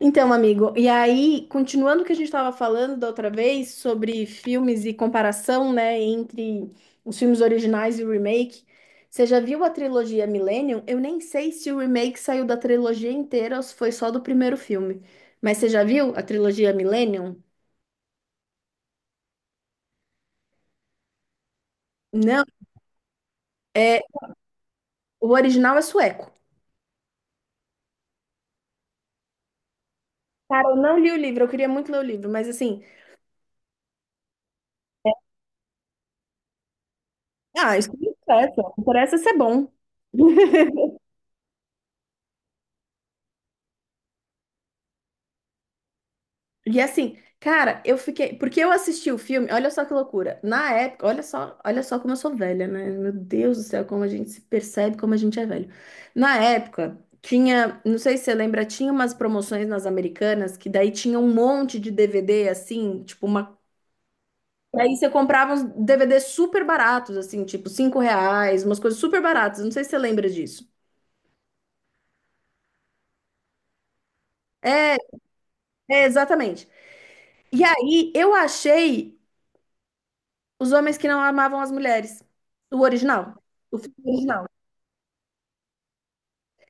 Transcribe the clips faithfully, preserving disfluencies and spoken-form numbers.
Então, amigo, e aí, continuando o que a gente estava falando da outra vez sobre filmes e comparação, né, entre os filmes originais e o remake, você já viu a trilogia Millennium? Eu nem sei se o remake saiu da trilogia inteira ou se foi só do primeiro filme. Mas você já viu a trilogia Millennium? Não, é, o original é sueco. Cara, eu não li o livro, eu queria muito ler o livro, mas assim, ah, isso não interessa, o que interessa é ser bom. E assim, cara, eu fiquei. Porque eu assisti o filme, olha só que loucura. Na época, olha só, olha só como eu sou velha, né? Meu Deus do céu, como a gente se percebe, como a gente é velho. Na época, tinha, não sei se você lembra, tinha umas promoções nas Americanas que daí tinha um monte de D V D, assim, tipo uma. E aí você comprava uns D V Ds super baratos, assim, tipo cinco reais, umas coisas super baratas. Não sei se você lembra disso. É, é, exatamente. E aí eu achei. Os Homens que Não Amavam as Mulheres. O original. O filme original.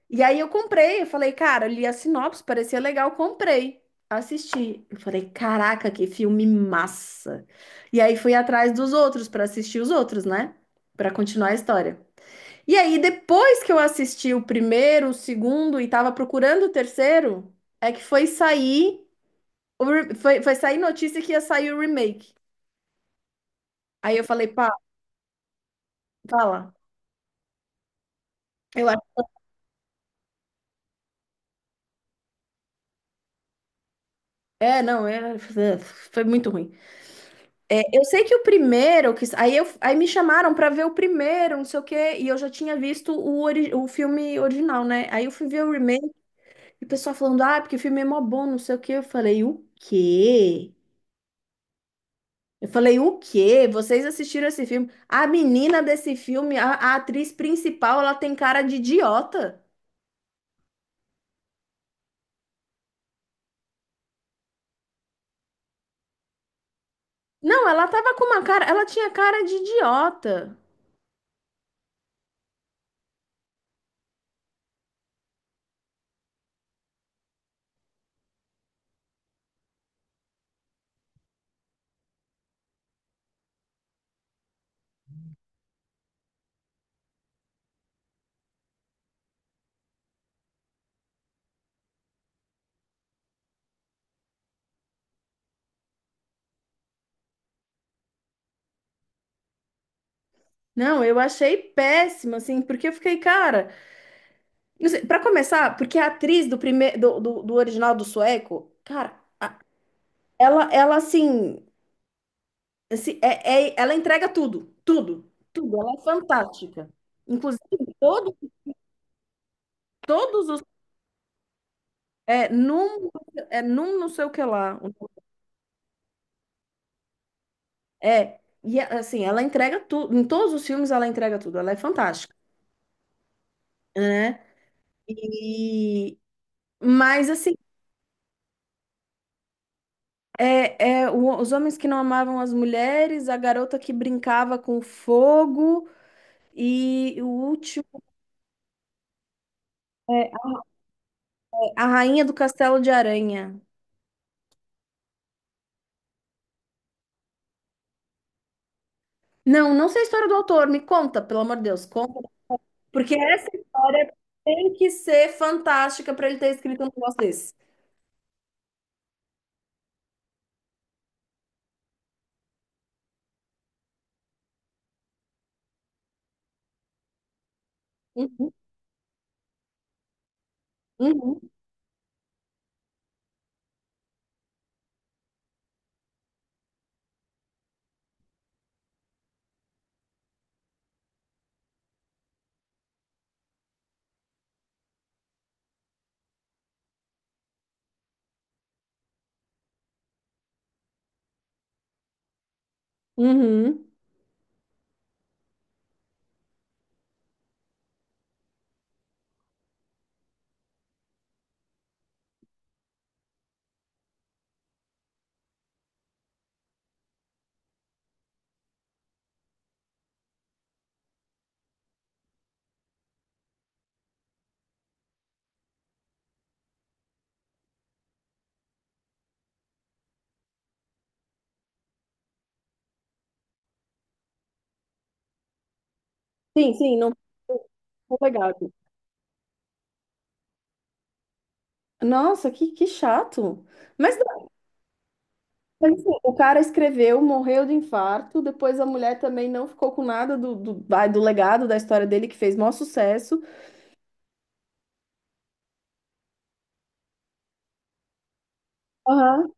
E aí eu comprei, eu falei, cara, eu li a sinopse, parecia legal, comprei. Assisti. Eu falei, caraca, que filme massa. E aí fui atrás dos outros para assistir os outros, né? Para continuar a história. E aí, depois que eu assisti o primeiro, o segundo e tava procurando o terceiro, é que foi sair, o re- foi, foi sair notícia que ia sair o remake. Aí eu falei, pá, fala. Eu É, não, é, foi muito ruim. É, eu sei que o primeiro, que, aí, eu, aí me chamaram pra ver o primeiro, não sei o quê, e eu já tinha visto o, ori- o filme original, né? Aí eu fui ver o remake, e o pessoal falando, ah, porque o filme é mó bom, não sei o quê. Eu falei, o quê? Eu falei, o quê? Vocês assistiram esse filme? A menina desse filme, a, a atriz principal, ela tem cara de idiota. Não, ela tava com uma cara, ela tinha cara de idiota. Não, eu achei péssimo, assim, porque eu fiquei, cara. Não sei, pra começar, porque a atriz do primeiro do, do, do original do sueco, cara, a- ela ela assim, assim, é, é- ela entrega tudo, tudo, tudo, ela é fantástica. Inclusive todo, todos os é num é num não sei o que lá. um, É, e é, assim, ela entrega tudo, em todos os filmes ela entrega tudo, ela é fantástica, né? E mas assim, é, é o- os homens que não amavam as mulheres, a garota que brincava com fogo, e o último é A Rainha do Castelo de Aranha. Não, não sei a história do autor, me conta, pelo amor de Deus, conta. Porque essa história tem que ser fantástica para ele ter escrito um negócio desse. Uhum, uhum, uhum. Sim, sim, não, não foi legal. Nossa, que, que chato. Mas, mas, assim, o cara escreveu, morreu de infarto, depois a mulher também não ficou com nada do, do, vai, do legado da história dele, que fez maior sucesso. Aham,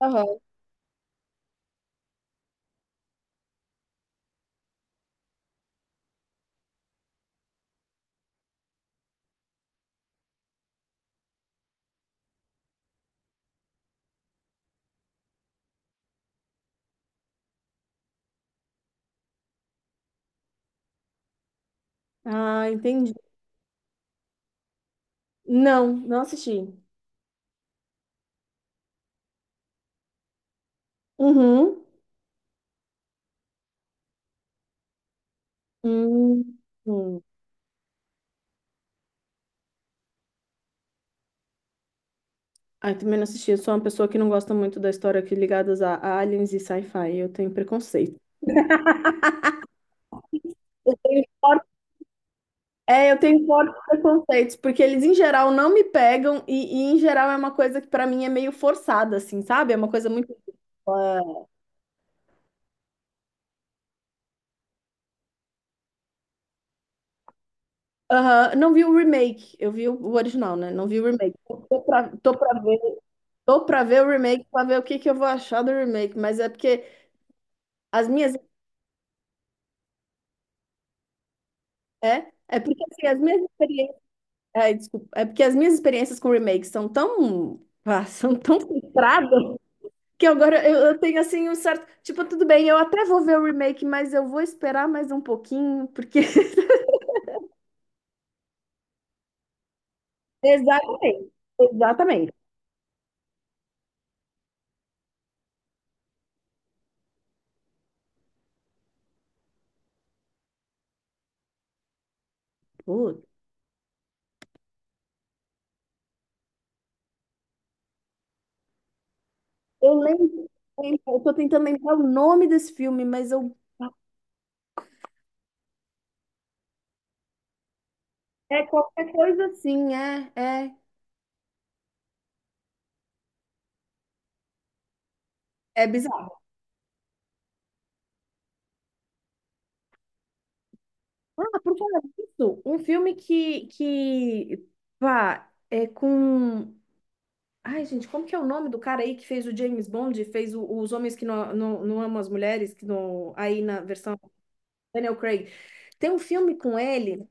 aham. Ah, entendi. Não, não assisti. Uhum. Hum, hum. Ah, eu também não assisti. Eu sou uma pessoa que não gosta muito da história que ligadas a aliens e sci-fi. Eu tenho preconceito. Forte- É, eu tenho fortes preconceitos, porque eles em geral não me pegam e, e, em geral é uma coisa que pra mim é meio forçada, assim, sabe? É uma coisa muito. É, aham, não vi o remake, eu vi o o original, né? Não vi o remake. Tô pra, tô pra ver, tô pra ver o remake, pra ver o que que eu vou achar do remake, mas é porque as minhas. É, é porque assim, as minhas experiências. Ai, desculpa. É porque as minhas experiências com remakes são tão, ah, são tão frustradas que agora eu, eu tenho assim um certo. Tipo, tudo bem, eu até vou ver o remake, mas eu vou esperar mais um pouquinho, porque. Exatamente, exatamente. Putz, eu lembro, eu tô tentando lembrar o nome desse filme, mas eu. É qualquer coisa assim, é, é, é bizarro. Ah, por falar disso, um filme que, que, pá, é com. Ai, gente, como que é o nome do cara aí que fez o James Bond, fez o- os homens que não, não, não amam as mulheres, que não, aí na versão Daniel Craig. Tem um filme com ele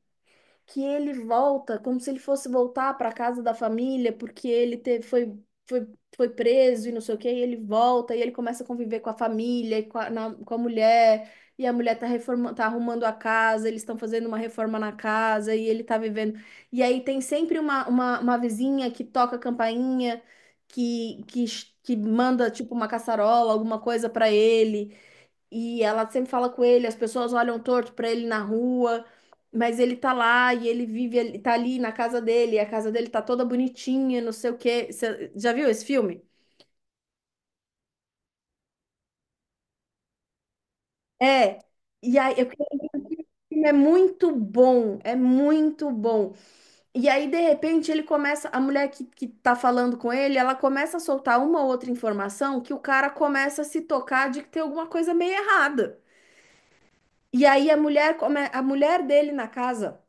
que ele volta como se ele fosse voltar para casa da família, porque ele teve, foi, foi, foi preso e não sei o quê, e ele volta e ele começa a conviver com a família e com a, na- com a mulher, e a mulher tá reforma, tá arrumando a casa, eles estão fazendo uma reforma na casa e ele tá vivendo. E aí tem sempre uma, uma, uma vizinha que toca a campainha, que, que, que manda tipo uma caçarola, alguma coisa para ele. E ela sempre fala com ele, as pessoas olham torto pra ele na rua, mas ele tá lá e ele vive, ele tá ali na casa dele, e a casa dele tá toda bonitinha, não sei o quê. Você já viu esse filme? É. E aí eu queria dizer que o filme é muito bom, é muito bom. E aí, de repente, ele começa, a mulher que, que tá falando com ele, ela começa a soltar uma ou outra informação que o cara começa a se tocar de que tem alguma coisa meio errada. E aí a mulher, come- a mulher dele na casa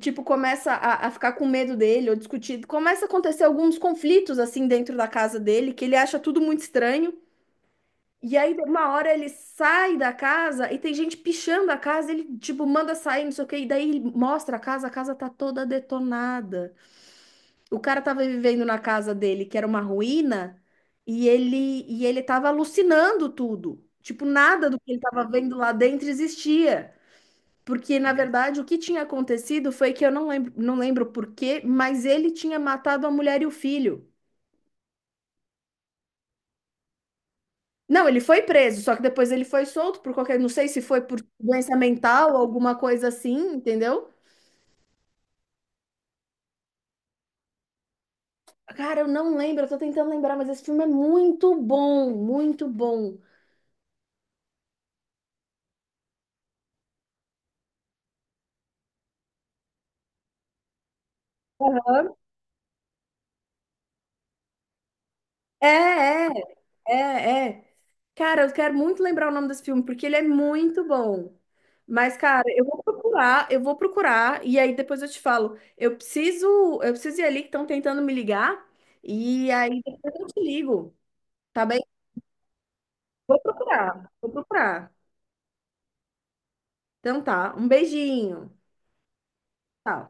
tipo, começa a, a ficar com medo dele ou discutir. Começa a acontecer alguns conflitos, assim, dentro da casa dele, que ele acha tudo muito estranho. E aí, uma hora ele sai da casa e tem gente pichando a casa, ele, tipo, manda sair, não sei o quê, e daí ele mostra a casa, a casa tá toda detonada. O cara tava vivendo na casa dele, que era uma ruína, e ele, e ele tava alucinando tudo. Tipo, nada do que ele tava vendo lá dentro existia. Porque, na verdade, o que tinha acontecido foi que eu não lembro, não lembro por quê, mas ele tinha matado a mulher e o filho. Não, ele foi preso, só que depois ele foi solto por qualquer, não sei se foi por doença mental, alguma coisa assim, entendeu? Cara, eu não lembro, eu tô tentando lembrar, mas esse filme é muito bom, muito bom. É, é, é, é. Cara, eu quero muito lembrar o nome desse filme, porque ele é muito bom. Mas, cara, eu vou procurar, eu vou procurar, e aí depois eu te falo. Eu preciso, eu preciso ir ali que estão tentando me ligar, e aí depois eu te ligo, tá bem? Vou procurar, vou procurar. Então tá, um beijinho. Tchau.